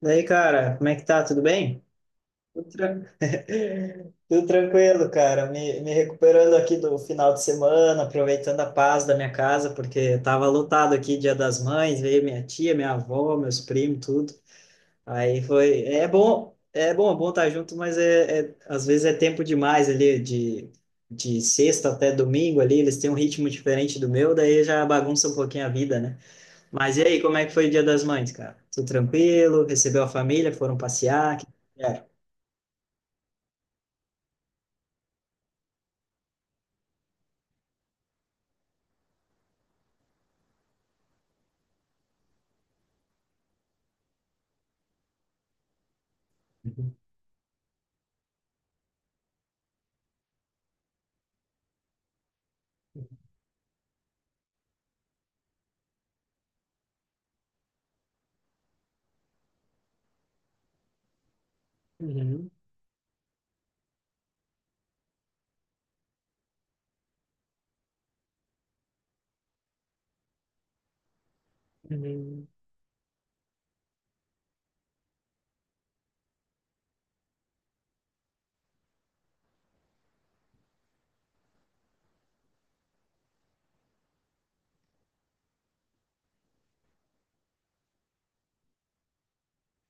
Daí, cara, como é que tá? Tudo bem? Tudo, tran- Tudo tranquilo, cara. Me recuperando aqui do final de semana, aproveitando a paz da minha casa, porque tava lotado aqui, Dia das Mães, veio minha tia, minha avó, meus primos, tudo. Aí foi. É bom estar junto, mas às vezes é tempo demais ali, de sexta até domingo ali, eles têm um ritmo diferente do meu, daí já bagunça um pouquinho a vida, né? Mas e aí, como é que foi o Dia das Mães, cara? Tudo tranquilo? Recebeu a família? Foram passear? Que... É. Uhum, uhum, uhum,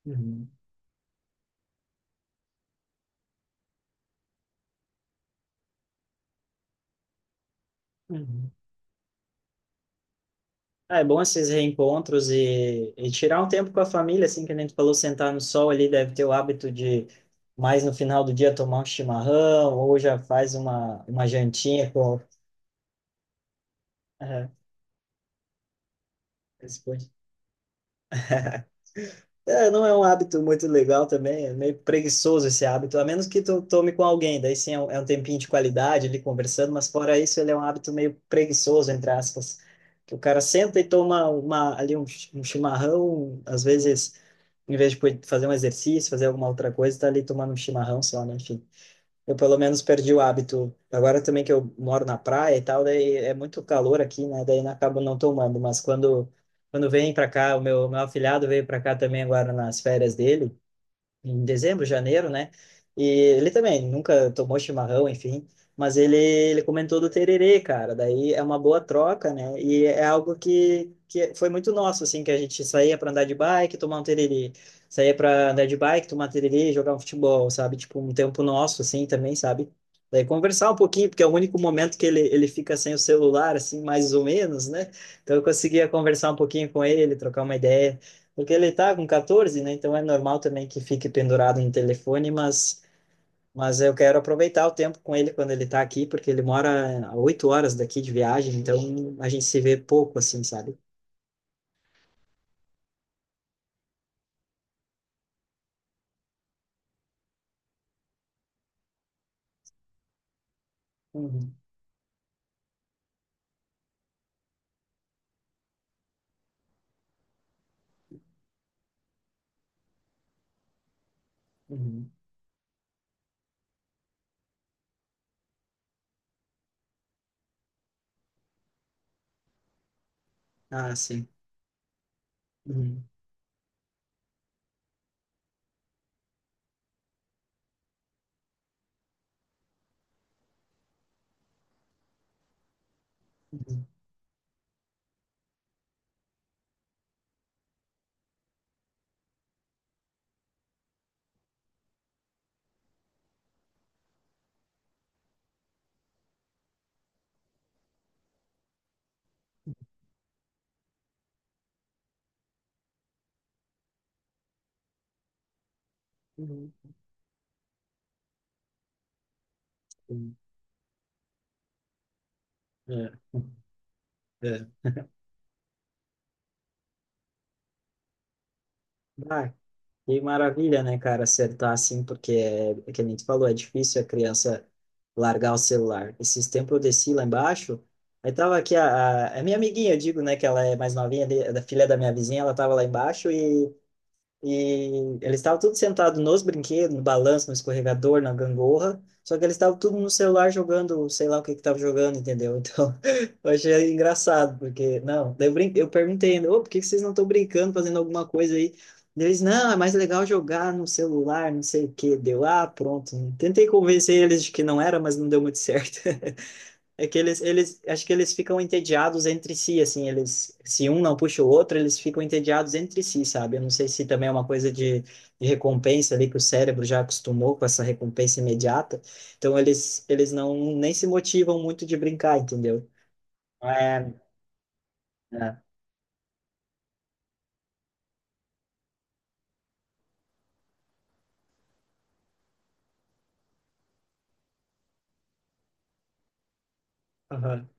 uhum, uhum. Ah, é bom esses reencontros e, tirar um tempo com a família, assim, que a gente falou, sentar no sol ali, deve ter o hábito de mais no final do dia tomar um chimarrão ou já faz uma jantinha com... Aham. É, não é um hábito muito legal também, é meio preguiçoso esse hábito, a menos que tu tome com alguém, daí sim é um tempinho de qualidade ali conversando, mas fora isso ele é um hábito meio preguiçoso, entre aspas, que o cara senta e toma uma, ali um, um chimarrão, às vezes, em vez de poder fazer um exercício, fazer alguma outra coisa, tá ali tomando um chimarrão só, né? Enfim. Eu pelo menos perdi o hábito. Agora também que eu moro na praia e tal, daí é muito calor aqui, né? Daí eu acabo não tomando. Mas quando vem para cá, o meu afilhado veio para cá também agora nas férias dele em dezembro, janeiro, né? E ele também nunca tomou chimarrão, enfim, mas ele comentou do tererê, cara. Daí é uma boa troca, né? E é algo que foi muito nosso, assim, que a gente saía para andar de bike, tomar um tererê, saía para andar de bike, tomar tererê, jogar um futebol, sabe? Tipo, um tempo nosso, assim, também, sabe? Daí conversar um pouquinho, porque é o único momento que ele fica sem o celular, assim, mais ou menos, né? Então eu conseguia conversar um pouquinho com ele, trocar uma ideia. Porque ele tá com 14, né? Então é normal também que fique pendurado em telefone, mas eu quero aproveitar o tempo com ele quando ele tá aqui, porque ele mora a 8 horas daqui de viagem, então a gente se vê pouco, assim, sabe? Uhum, uhum. Ah, sim. Uhum, uhum, uhum, uhum. É, é. Ah, que maravilha, né, cara, acertar assim, porque é, é que nem tu falou, é difícil a criança largar o celular. Esses tempos eu desci lá embaixo, aí tava aqui a minha amiguinha, eu digo, né, que ela é mais novinha, de- da filha da minha vizinha, ela tava lá embaixo e eles estavam tudo sentado nos brinquedos, no balanço, no escorregador, na gangorra. Só que eles estavam tudo no celular jogando, sei lá o que que estavam jogando, entendeu? Então, eu achei engraçado, porque, não, daí eu, eu perguntei ainda, ô, por que que vocês não estão brincando, fazendo alguma coisa aí? Eles, não, é mais legal jogar no celular, não sei o quê. Deu, ah, pronto. Tentei convencer eles de que não era, mas não deu muito certo. É que acho que eles ficam entediados entre si, assim, eles, se um não puxa o outro, eles ficam entediados entre si, sabe? Eu não sei se também é uma coisa de recompensa ali, que o cérebro já acostumou com essa recompensa imediata, então eles não, nem se motivam muito de brincar, entendeu? É, é. Aham.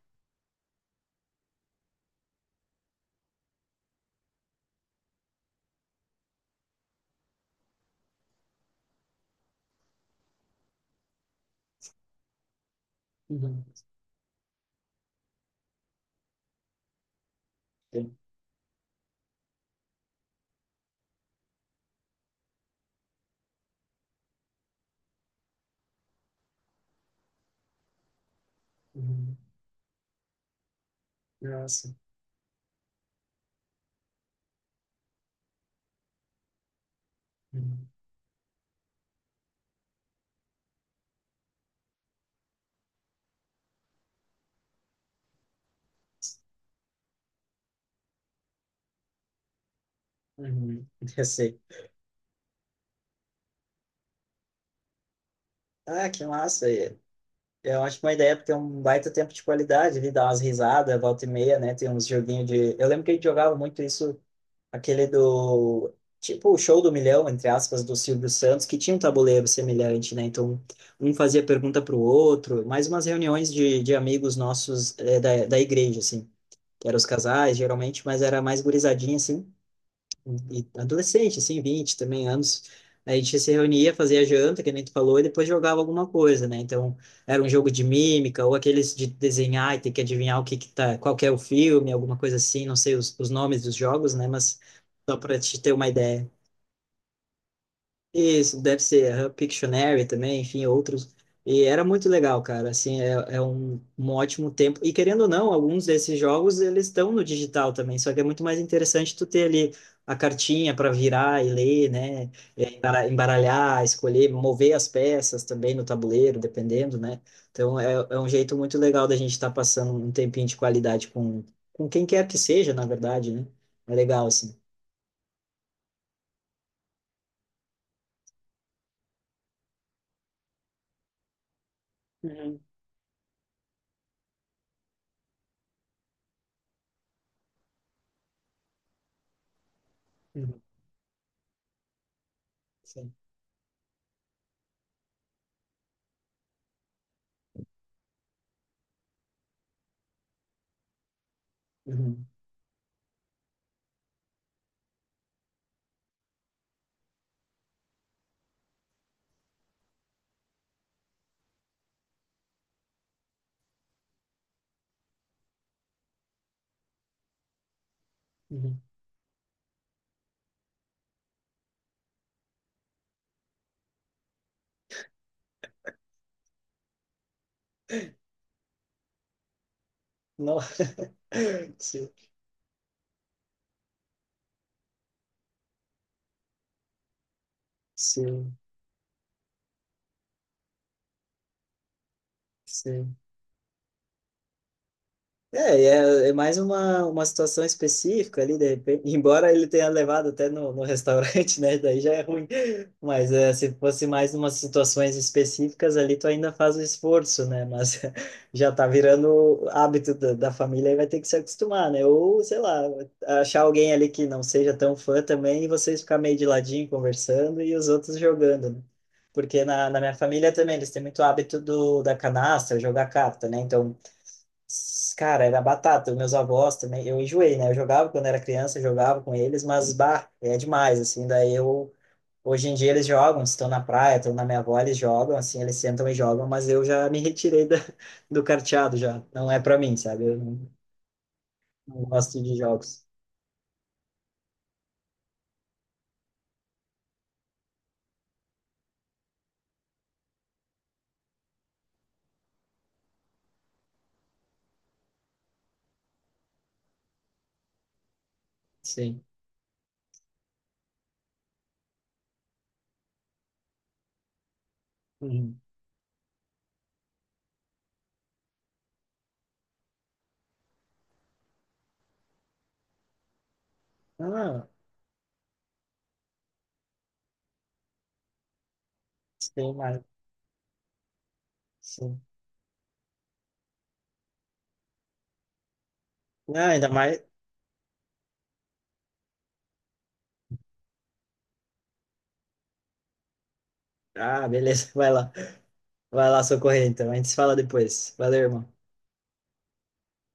Uhum. Sim. Uhum. Nossa. Uhum. Uhum. Eu sei. Ah, que massa. Eu acho uma ótima ideia, porque é um baita tempo de qualidade, ali, dá umas risadas, volta e meia, né? Tem uns joguinhos de. Eu lembro que a gente jogava muito isso, aquele do. Tipo o Show do Milhão, entre aspas, do Silvio Santos, que tinha um tabuleiro semelhante, né? Então, um fazia pergunta para o outro, mais umas reuniões de amigos nossos da, da igreja, assim. Que eram os casais, geralmente, mas era mais gurizadinha, assim e adolescente, assim, 20 também anos. A gente se reunia, fazia janta, que nem tu falou, e depois jogava alguma coisa, né? Então, era um jogo de mímica, ou aqueles de desenhar e ter que adivinhar o que que tá, qual que é o filme, alguma coisa assim, não sei os nomes dos jogos, né? Mas só para te ter uma ideia. Isso, deve ser aham, Pictionary também, enfim, outros. E era muito legal, cara. Assim, é, é um, um ótimo tempo. E querendo ou não, alguns desses jogos eles estão no digital também, só que é muito mais interessante tu ter ali a cartinha para virar e ler, né? E embaralhar, escolher, mover as peças também no tabuleiro, dependendo, né? Então é, é um jeito muito legal da gente estar passando um tempinho de qualidade com quem quer que seja, na verdade, né? É legal, assim. Uhum, uhum, sim. Uhum, uhum. Não. Sim, sim, sim. É, é, é mais uma situação específica ali, de repente, embora ele tenha levado até no, no restaurante, né? Daí já é ruim. Mas é, se fosse mais umas situações específicas ali, tu ainda faz o esforço, né? Mas já tá virando hábito da, da família e vai ter que se acostumar, né? Ou, sei lá, achar alguém ali que não seja tão fã também e vocês ficar meio de ladinho conversando e os outros jogando, né? Porque na, na minha família também, eles têm muito hábito do, da canastra, jogar carta, né? Então cara, era batata. Meus avós também. Eu enjoei, né? Eu jogava quando era criança, eu jogava com eles, mas bah, é demais, assim. Daí eu. Hoje em dia eles jogam, estão na praia, estão na minha avó, eles jogam, assim, eles sentam e jogam, mas eu já me retirei da, do carteado já. Não é para mim, sabe? Eu não, não gosto de jogos. Sim. Uhum. Ah, sim, mas. Sim. Ah, ainda mais. Ah, beleza, vai lá. Vai lá socorrer, então. A gente se fala depois. Valeu, irmão.